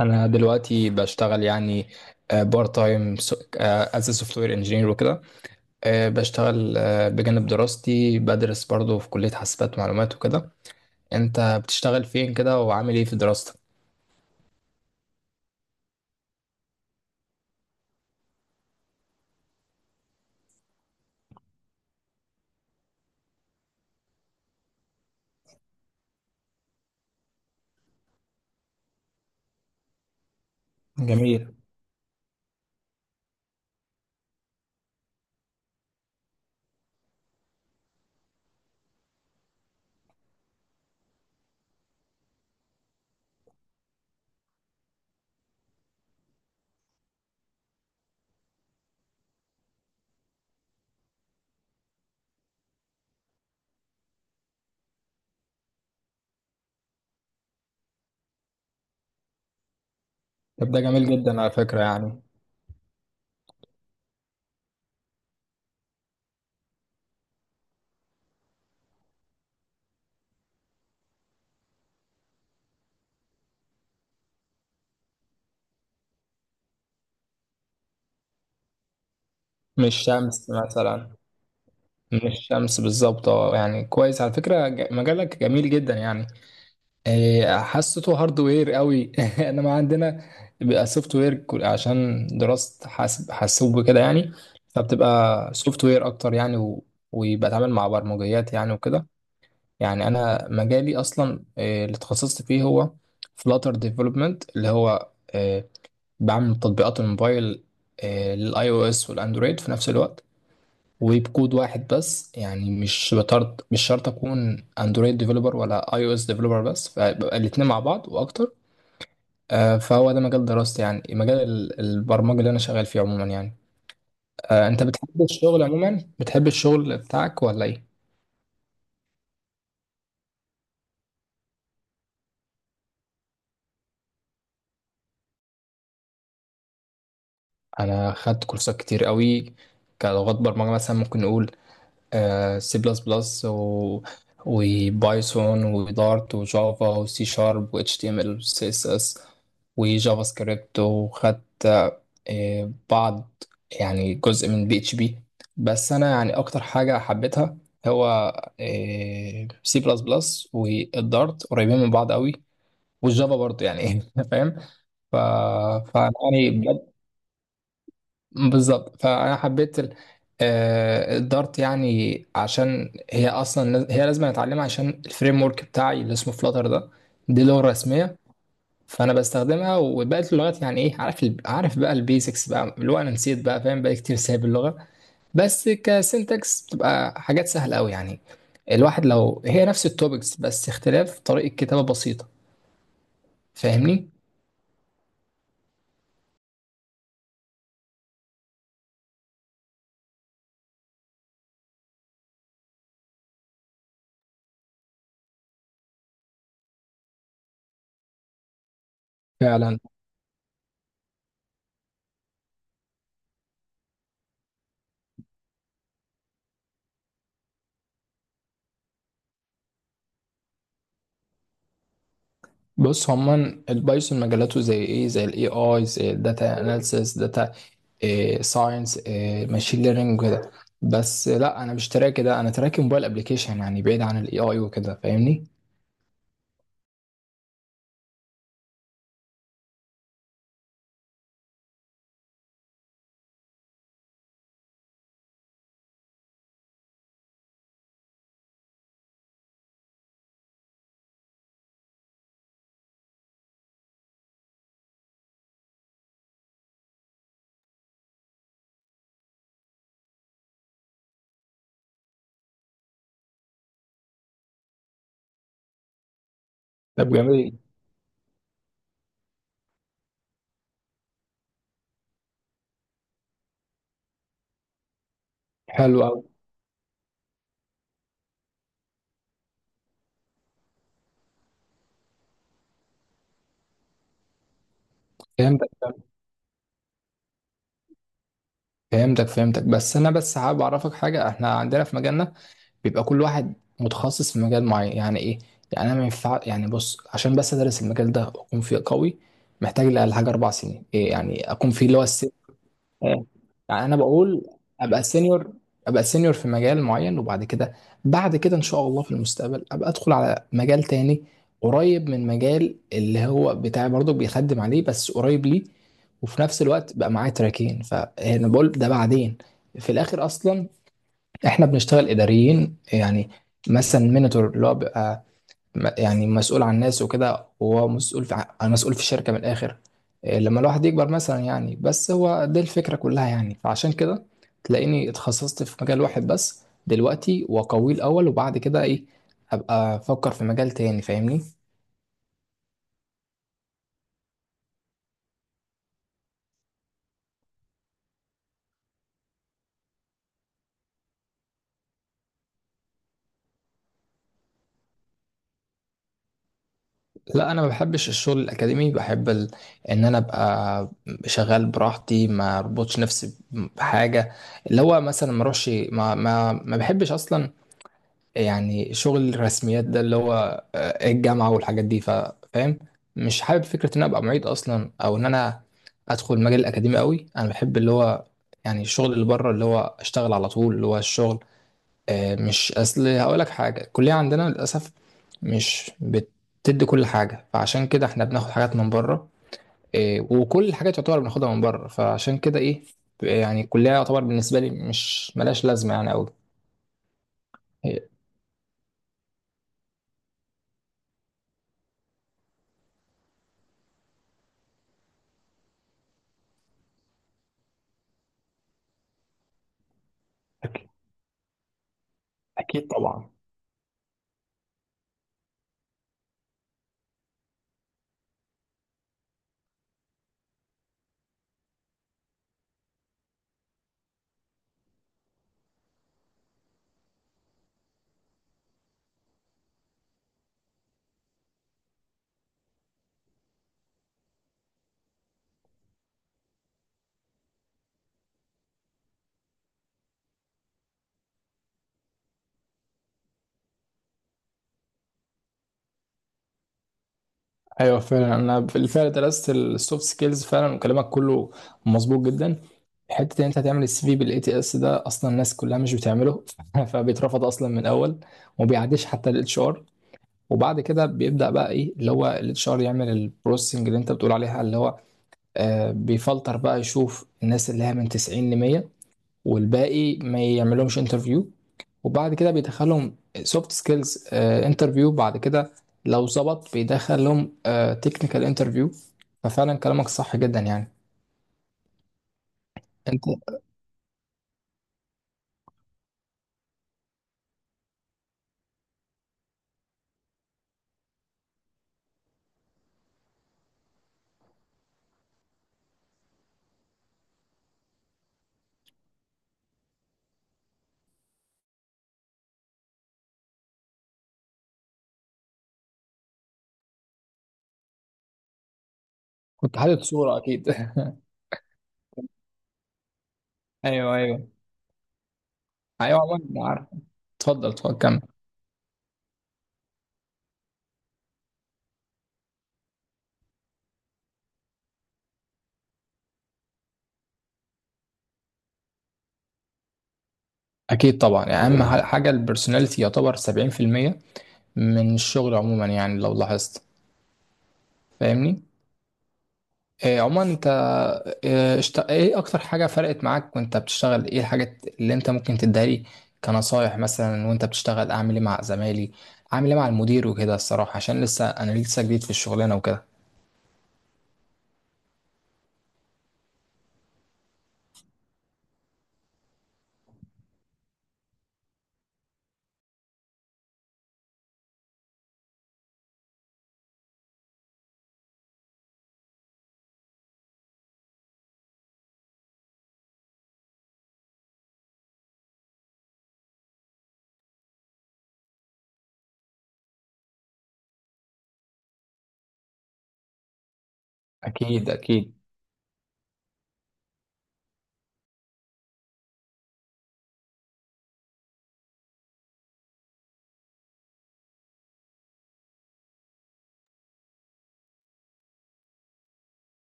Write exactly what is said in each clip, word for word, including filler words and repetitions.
انا دلوقتي بشتغل يعني بارت تايم از سوفت وير انجينير وكده. آه، بشتغل، آه، بجانب دراستي، بدرس برضو في كلية حاسبات ومعلومات وكده. انت بتشتغل فين كده وعامل ايه في دراستك؟ جميل. طب ده جميل جدا على فكرة يعني. مش شمس مثلا؟ مش شمس بالظبط، اه يعني كويس على فكرة. ج- مجالك جميل جدا يعني. إيه، حسيته هاردوير قوي انا ما عندنا، بيبقى سوفت وير كل- عشان دراسة حاسب حاسوب وكده يعني، فبتبقى سوفت وير اكتر يعني و... ويبقى اتعامل مع برمجيات يعني وكده. يعني انا مجالي اصلا إيه، اللي اتخصصت فيه هو فلاتر ديفلوبمنت، اللي هو إيه، بعمل تطبيقات الموبايل، إيه، للاي او اس والاندرويد في نفس الوقت، وبكود واحد بس، يعني مش بطرد، مش شرط اكون اندرويد ديفلوبر ولا اي او اس ديفلوبر بس، فبقى الاتنين مع بعض واكتر. آه، فهو ده مجال دراستي، يعني مجال ال- البرمجة اللي انا شغال فيه عموما يعني. آه، انت بتحب الشغل عموما، بتحب الشغل بتاعك ولا ايه؟ انا خدت كورسات كتير قوي، كلغات برمجة مثلا ممكن نقول سي بلس بلس و وبايثون ودارت وجافا وسي شارب واتش تي ام ال وسي اس اس وجافا سكريبت، وخدت آه، بعض، يعني جزء من بي اتش بي. بس انا يعني اكتر حاجه حبيتها هو سي بلس بلس والدارت، قريبين من بعض قوي، والجافا برضه يعني فاهم؟ ف فأنا يعني بجد- بالظبط، فانا حبيت ال... آه، الدارت، يعني عشان هي اصلا هي لازم اتعلمها عشان الفريم ورك بتاعي اللي اسمه فلاتر ده، دي لغه رسميه. فانا بستخدمها، وبقيت اللغات يعني ايه، عارف ال- عارف بقى البيزكس بقى، اللي هو انا نسيت بقى، فاهم بقى كتير سايب اللغه، بس كسنتكس بتبقى حاجات سهله قوي يعني. الواحد لو هي نفس التوبكس، بس اختلاف طريقه كتابه بسيطه. فاهمني؟ فعلا. بص، هما البايثون مجالاته زي ايه، زي الاي اي، زي الداتا اناليسيس، داتا ساينس، ماشين ليرنينج وكده. بس لا، انا مش تراكي ده، انا تراكي موبايل ابلكيشن يعني، بعيد عن الاي اي وكده. فاهمني؟ طب جميل. حلو قوي. فهمتك، فهمتك، فهمتك، بس انا بس حابب اعرفك حاجه. احنا عندنا في مجالنا بيبقى كل واحد متخصص في مجال معين، يعني ايه؟ يعني انا ما ينفع يعني، بص عشان بس ادرس المجال ده واكون فيه قوي، محتاج لي اقل حاجه اربع سنين. إيه يعني اكون فيه، اللي هو آه، يعني انا بقول ابقى سينيور ابقى سينيور في مجال معين، وبعد كده بعد كده ان شاء الله في المستقبل، ابقى ادخل على مجال تاني قريب من مجال اللي هو بتاعي برضك، بيخدم عليه، بس قريب ليه، وفي نفس الوقت بقى معايا تراكين. فانا بقول ده بعدين. في الاخر اصلا احنا بنشتغل اداريين يعني، مثلا مينيتور اللي هو بيبقى م- يعني مسؤول عن ناس وكده، هو مسؤول في ع- مسؤول في الشركة من الآخر. إيه، لما الواحد يكبر مثلا يعني، بس هو دي الفكرة كلها يعني، فعشان كده تلاقيني اتخصصت في مجال واحد بس دلوقتي وقوي الأول، وبعد كده إيه أبقى أفكر في مجال تاني. فاهمني؟ لا، أنا ما بحبش الشغل الأكاديمي، بحب ال... إن أنا أبقى شغال براحتي، ما أربطش نفسي بحاجة، اللي هو مثلا ما أروحش، ما ما ما بحبش أصلا يعني شغل الرسميات ده، اللي هو آه، الجامعة والحاجات دي. فا- فاهم؟ مش حابب فكرة ان انا ابقى معيد اصلا، او ان انا ادخل المجال الاكاديمي قوي. انا بحب اللي هو يعني الشغل اللي بره، اللي هو اشتغل على طول، اللي هو الشغل. آه، مش اصل هقول لك حاجة، الكلية عندنا للاسف مش بتدي كل حاجة، فعشان كده احنا بناخد حاجات من بره. آه، وكل الحاجات تعتبر بناخدها من بره، فعشان كده ايه يعني الكلية يعتبر بالنسبة لي مش ملاش لازمة يعني قوي. أكيد. أكيد طبعا. ايوه، فعلا انا بالفعل درست السوفت سكيلز فعلا، وكلامك كله مظبوط جدا. حته ان انت هتعمل السي في بالاي تي اس ده اصلا الناس كلها مش بتعمله فبيترفض اصلا من الاول، وما بيعديش حتى الاتش ار. وبعد كده بيبدا بقى ايه، اللي هو الاتش ار يعمل البروسيسنج اللي انت بتقول عليها، اللي هو آه بيفلتر بقى، يشوف الناس اللي هي من تسعين ل مية، والباقي ما يعملهمش انترفيو. وبعد كده بيدخلهم سوفت سكيلز انترفيو، بعد كده لو ظبط بيدخلهم تكنيكال انترفيو. ففعلا كلامك صح جدا يعني. انت كنت حاطط صورة اكيد ايوه، ايوه. ايوه عمر، أنا عارف. اتفضل، اتفضل كمل. اكيد طبعا، يعني اهم ح- حاجة البرسوناليتي يعتبر سبعين في المية من الشغل عموما يعني لو لاحظت. فاهمني؟ إيه عموما انت، إيه اشت- إيه اكتر حاجة فرقت معاك وانت بتشتغل، ايه الحاجات اللي انت ممكن تديها لي كنصايح مثلا وانت بتشتغل؟ اعمل ايه مع زمايلي، اعمل ايه مع المدير وكده؟ الصراحة عشان لسه انا لسه جديد في الشغلانة وكده. أكيد، أكيد.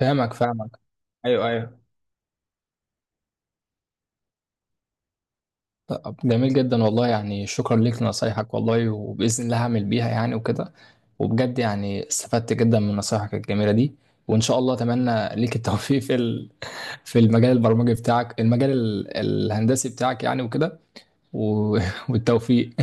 فاهمك، فاهمك. أيوه، أيوه. طب جميل جدا والله، يعني شكرا ليك لنصايحك والله، وبإذن الله هعمل بيها يعني وكده. وبجد يعني استفدت جدا من نصايحك الجميلة دي. وإن شاء الله أتمنى ليك التوفيق في في المجال البرمجي بتاعك، المجال ال- الهندسي بتاعك يعني وكده. و- والتوفيق.